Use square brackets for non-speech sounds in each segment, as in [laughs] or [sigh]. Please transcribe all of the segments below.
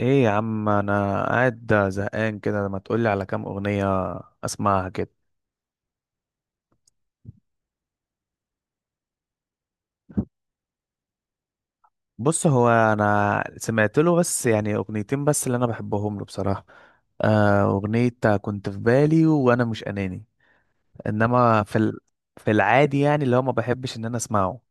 ايه يا عم، انا قاعد زهقان كده. ما تقولي على كام اغنية اسمعها كده. بص، هو انا سمعت له بس يعني اغنيتين بس اللي انا بحبهم له بصراحة. اغنية كنت في بالي وانا مش اناني، انما في العادي يعني اللي هو ما بحبش ان انا اسمعه.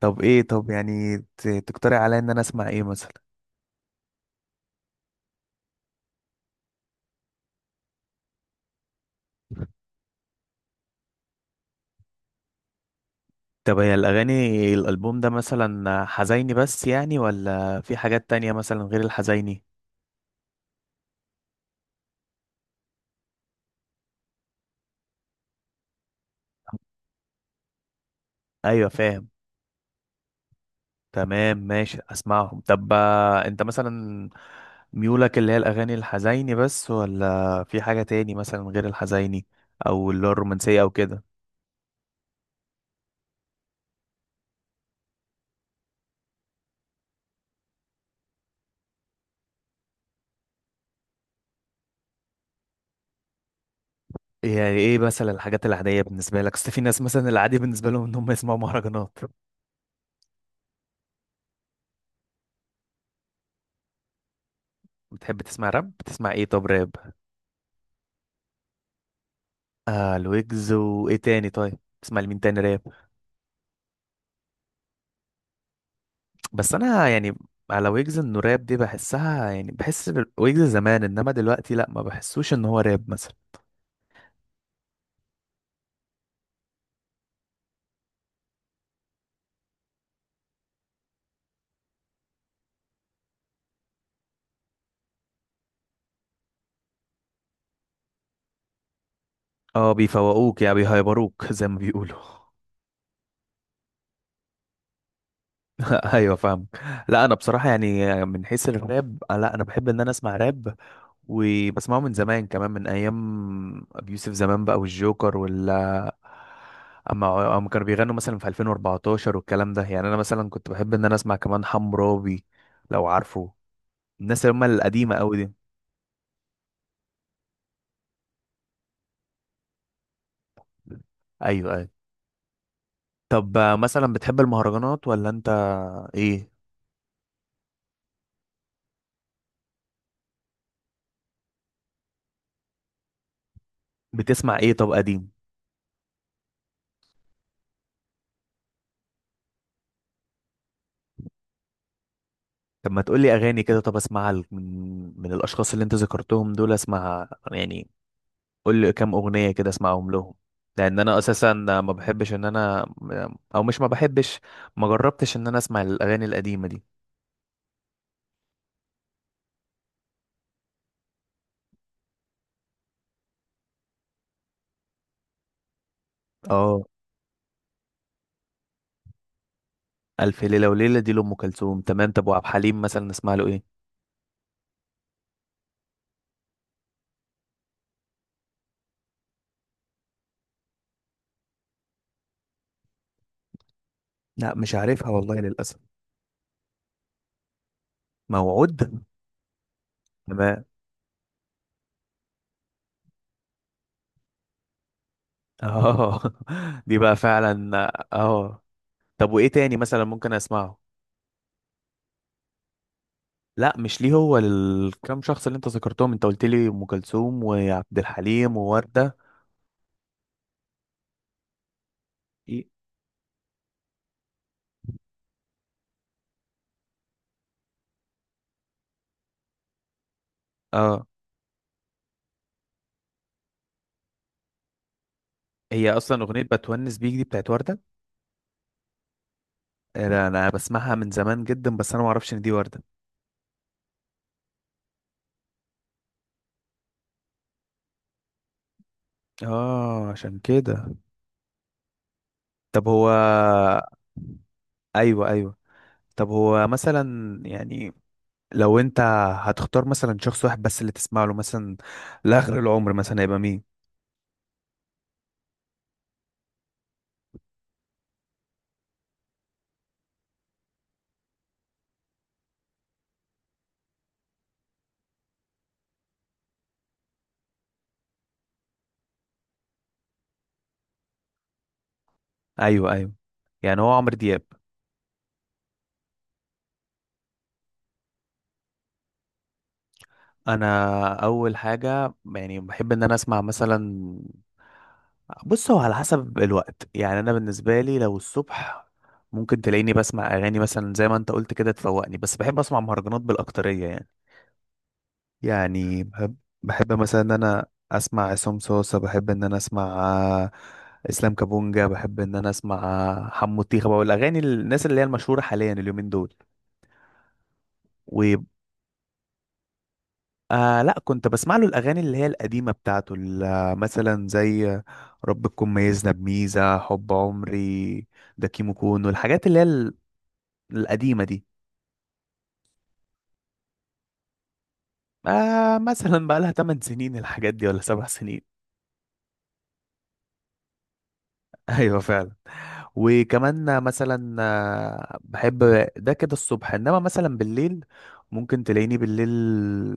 طب ايه؟ طب يعني تقترح عليا ان انا اسمع ايه مثلا؟ طب هي الاغاني، الالبوم ده مثلا حزيني بس يعني ولا في حاجات تانية مثلا غير الحزيني؟ ايوه، فاهم. تمام، ماشي اسمعهم. طب انت مثلا ميولك اللي هي الاغاني الحزيني بس ولا في حاجه تاني مثلا غير الحزيني او اللي هو الرومانسيه او كده؟ يعني ايه مثلا الحاجات العاديه بالنسبه لك؟ اصل في ناس مثلا العادي بالنسبه لهم ان هم يسمعوا مهرجانات. بتحب تسمع راب؟ بتسمع ايه طب راب؟ آه الويجز، وايه تاني طيب؟ تسمع لمين تاني راب؟ بس انا يعني على ويجز، انه راب دي بحسها، يعني بحس ويجز زمان، انما دلوقتي لا، ما بحسوش ان هو راب مثلا. اه بيفوقوك يعني، بيهيبروك زي ما بيقولوا. [laughs] ايوه، فاهم. لا انا بصراحه يعني من حيث الراب، لا انا بحب ان انا اسمع راب، وبسمعه من زمان كمان، من ايام ابي يوسف زمان بقى والجوكر ولا. اما كانوا بيغنوا مثلا في 2014 والكلام ده، يعني انا مثلا كنت بحب ان انا اسمع كمان حمرابي، لو عارفه الناس اللي هم القديمه قوي دي. ايوه، ايوه. طب مثلا بتحب المهرجانات ولا انت، ايه؟ بتسمع ايه طب قديم؟ طب ما تقولي اغاني كده، طب اسمعها من الاشخاص اللي انت ذكرتهم دول، اسمعها يعني. قولي كام اغنيه كده اسمعهم لهم، لان انا اساسا ما بحبش ان انا، او مش ما بحبش، ما جربتش ان انا اسمع الاغاني القديمه دي. اه، الف ليله وليله دي لام كلثوم، تمام. طب وعبد الحليم مثلا نسمع له ايه؟ لا مش عارفها والله للأسف. موعود، تمام. اه. [laughs] دي بقى فعلا، اه. طب وايه تاني مثلا ممكن اسمعه؟ لا مش ليه هو، للكام شخص اللي انت ذكرتهم، انت قلت لي ام كلثوم وعبد الحليم ووردة. إيه؟ اه، هي اصلا اغنية بتونس بيك دي بتاعت وردة؟ أنا بسمعها من زمان جدا، بس انا ما اعرفش ان دي وردة. اه، عشان كده. طب هو. ايوه، ايوه. طب هو مثلا يعني لو انت هتختار مثلا شخص واحد بس اللي تسمع له مثلا لاخر العمر مثلا، هيبقى مين؟ ايوه، ايوه. يعني هو عمرو دياب. انا اول حاجه يعني بحب ان انا اسمع مثلا، بص هو على حسب الوقت. يعني انا بالنسبه لي لو الصبح، ممكن تلاقيني بسمع اغاني مثلا زي ما انت قلت كده تفوقني، بس بحب اسمع مهرجانات بالاكتريه يعني. يعني بحب، بحب مثلا ان انا اسمع عصام صوصه، بحب ان انا اسمع اسلام كابونجا، بحب ان انا اسمع حمو الطيخه بقى، والاغاني الناس اللي هي المشهوره حاليا اليومين دول و... آه لا، كنت بسمع له الأغاني اللي هي القديمة بتاعته، مثلا زي ربكم ميزنا بميزة، حب عمري، ده كيمو كونو، الحاجات اللي هي القديمة دي. آه مثلا بقى لها 8 سنين الحاجات دي، ولا 7 سنين. [laughs] ايوه، فعلا. وكمان مثلا بحب، ده كده الصبح، انما مثلا بالليل ممكن تلاقيني بالليل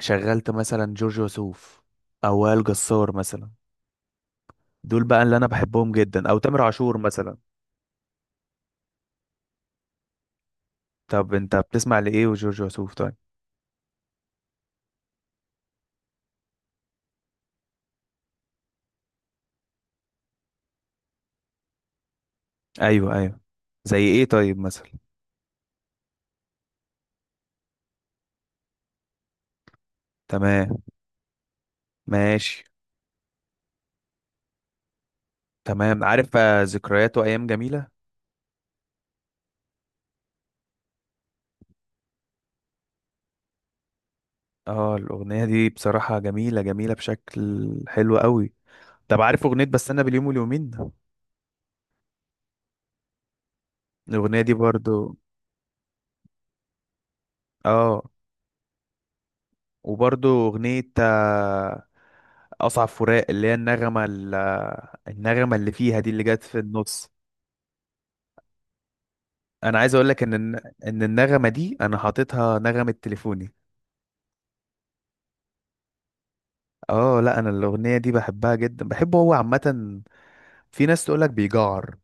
شغلت مثلا جورج وسوف، او وائل جسار مثلا. دول بقى اللي انا بحبهم جدا، او تامر عاشور مثلا. طب انت بتسمع لايه وجورج وسوف طيب؟ ايوه، ايوه. زي ايه طيب مثلا؟ تمام، ماشي. تمام، عارف ذكريات وايام جميله. اه، الاغنيه دي بصراحه جميله، جميله بشكل حلو قوي. طب عارف اغنيه بستنى باليوم واليومين؟ الاغنيه دي برضو. اه، وبرضو اغنيه اصعب فراق، اللي هي النغمه النغمه اللي فيها دي، اللي جت في النص. انا عايز اقول لك ان ان النغمه دي انا حاططها نغمه تليفوني. اه، لا انا الاغنيه دي بحبها جدا، بحبه هو عامه. في ناس تقولك بيجعر.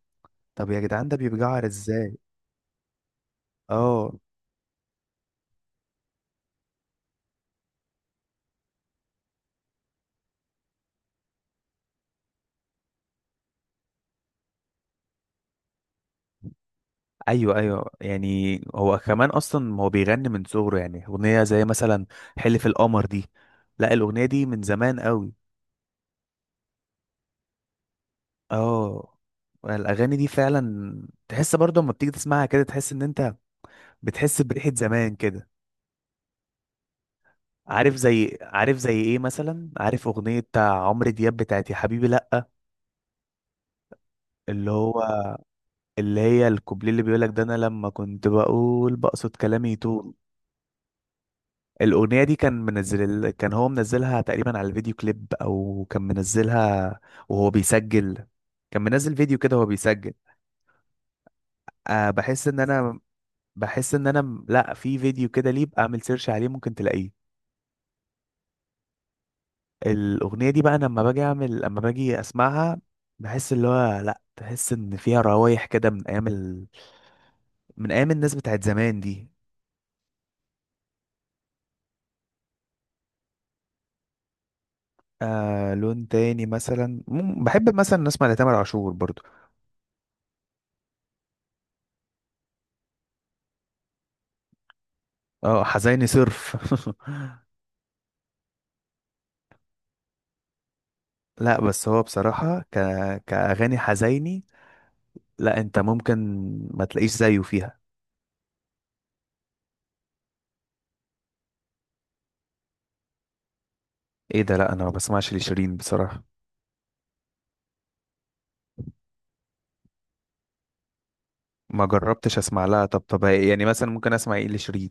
طب يا جدعان، ده بيجعر ازاي؟ اه. ايوه، ايوه. يعني هو كمان اصلا هو بيغني من صغره، يعني اغنيه زي مثلا حلف القمر دي، لا الاغنيه دي من زمان قوي. اه الاغاني دي فعلا، تحس برضه لما بتيجي تسمعها كده، تحس ان انت بتحس بريحه زمان كده. عارف زي، عارف زي ايه مثلا؟ عارف اغنيه بتاع عمرو دياب بتاعت يا حبيبي لا؟ اللي هو اللي هي الكوبليه اللي بيقولك ده، انا لما كنت بقول بقصد كلامي يطول. الاغنيه دي كان هو منزلها تقريبا على الفيديو كليب، او كان منزلها وهو بيسجل، كان منزل فيديو كده وهو بيسجل. أه بحس ان انا، لا في فيديو كده، ليه بقى اعمل سيرش عليه ممكن تلاقيه. الاغنيه دي بقى أنا لما باجي اعمل، لما باجي اسمعها، بحس اللي هو لا، تحس ان فيها روايح كده من ايام الناس بتاعت زمان دي. آه لون تاني مثلا، بحب مثلا نسمع لتامر عاشور برضو. اه حزيني صرف. [laughs] لا بس هو بصراحة كأغاني حزيني، لا انت ممكن ما تلاقيش زيه فيها. ايه ده؟ لا انا ما بسمعش لشيرين بصراحة. ما جربتش اسمع لها. طب، طب يعني مثلا ممكن اسمع ايه لشيرين؟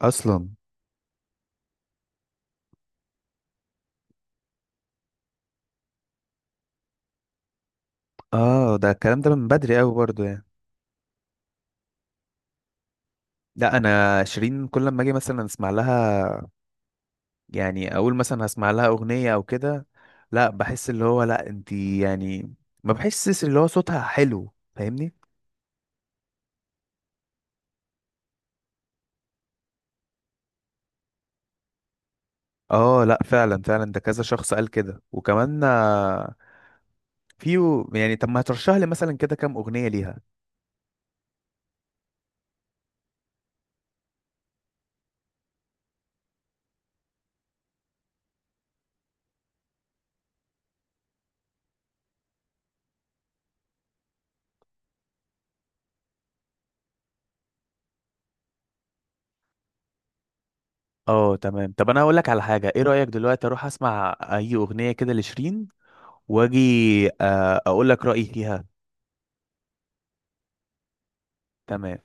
اصلا اه ده الكلام ده من بدري قوي برضو يعني. لا انا شيرين كل ما اجي مثلا اسمع لها، يعني اقول مثلا هسمع لها اغنيه او كده، لا بحس اللي هو لا انتي، يعني ما بحسش اللي هو صوتها حلو فاهمني؟ اه لا، فعلا، فعلا. ده كذا شخص قال كده. وكمان في يعني، طب ما هترشح لي مثلا كده كام اغنيه ليها؟ اه تمام. طب انا اقول لك على حاجه، ايه رايك دلوقتي اروح اسمع اي اغنيه كده لشيرين، واجي اقول لك رايي فيها؟ تمام.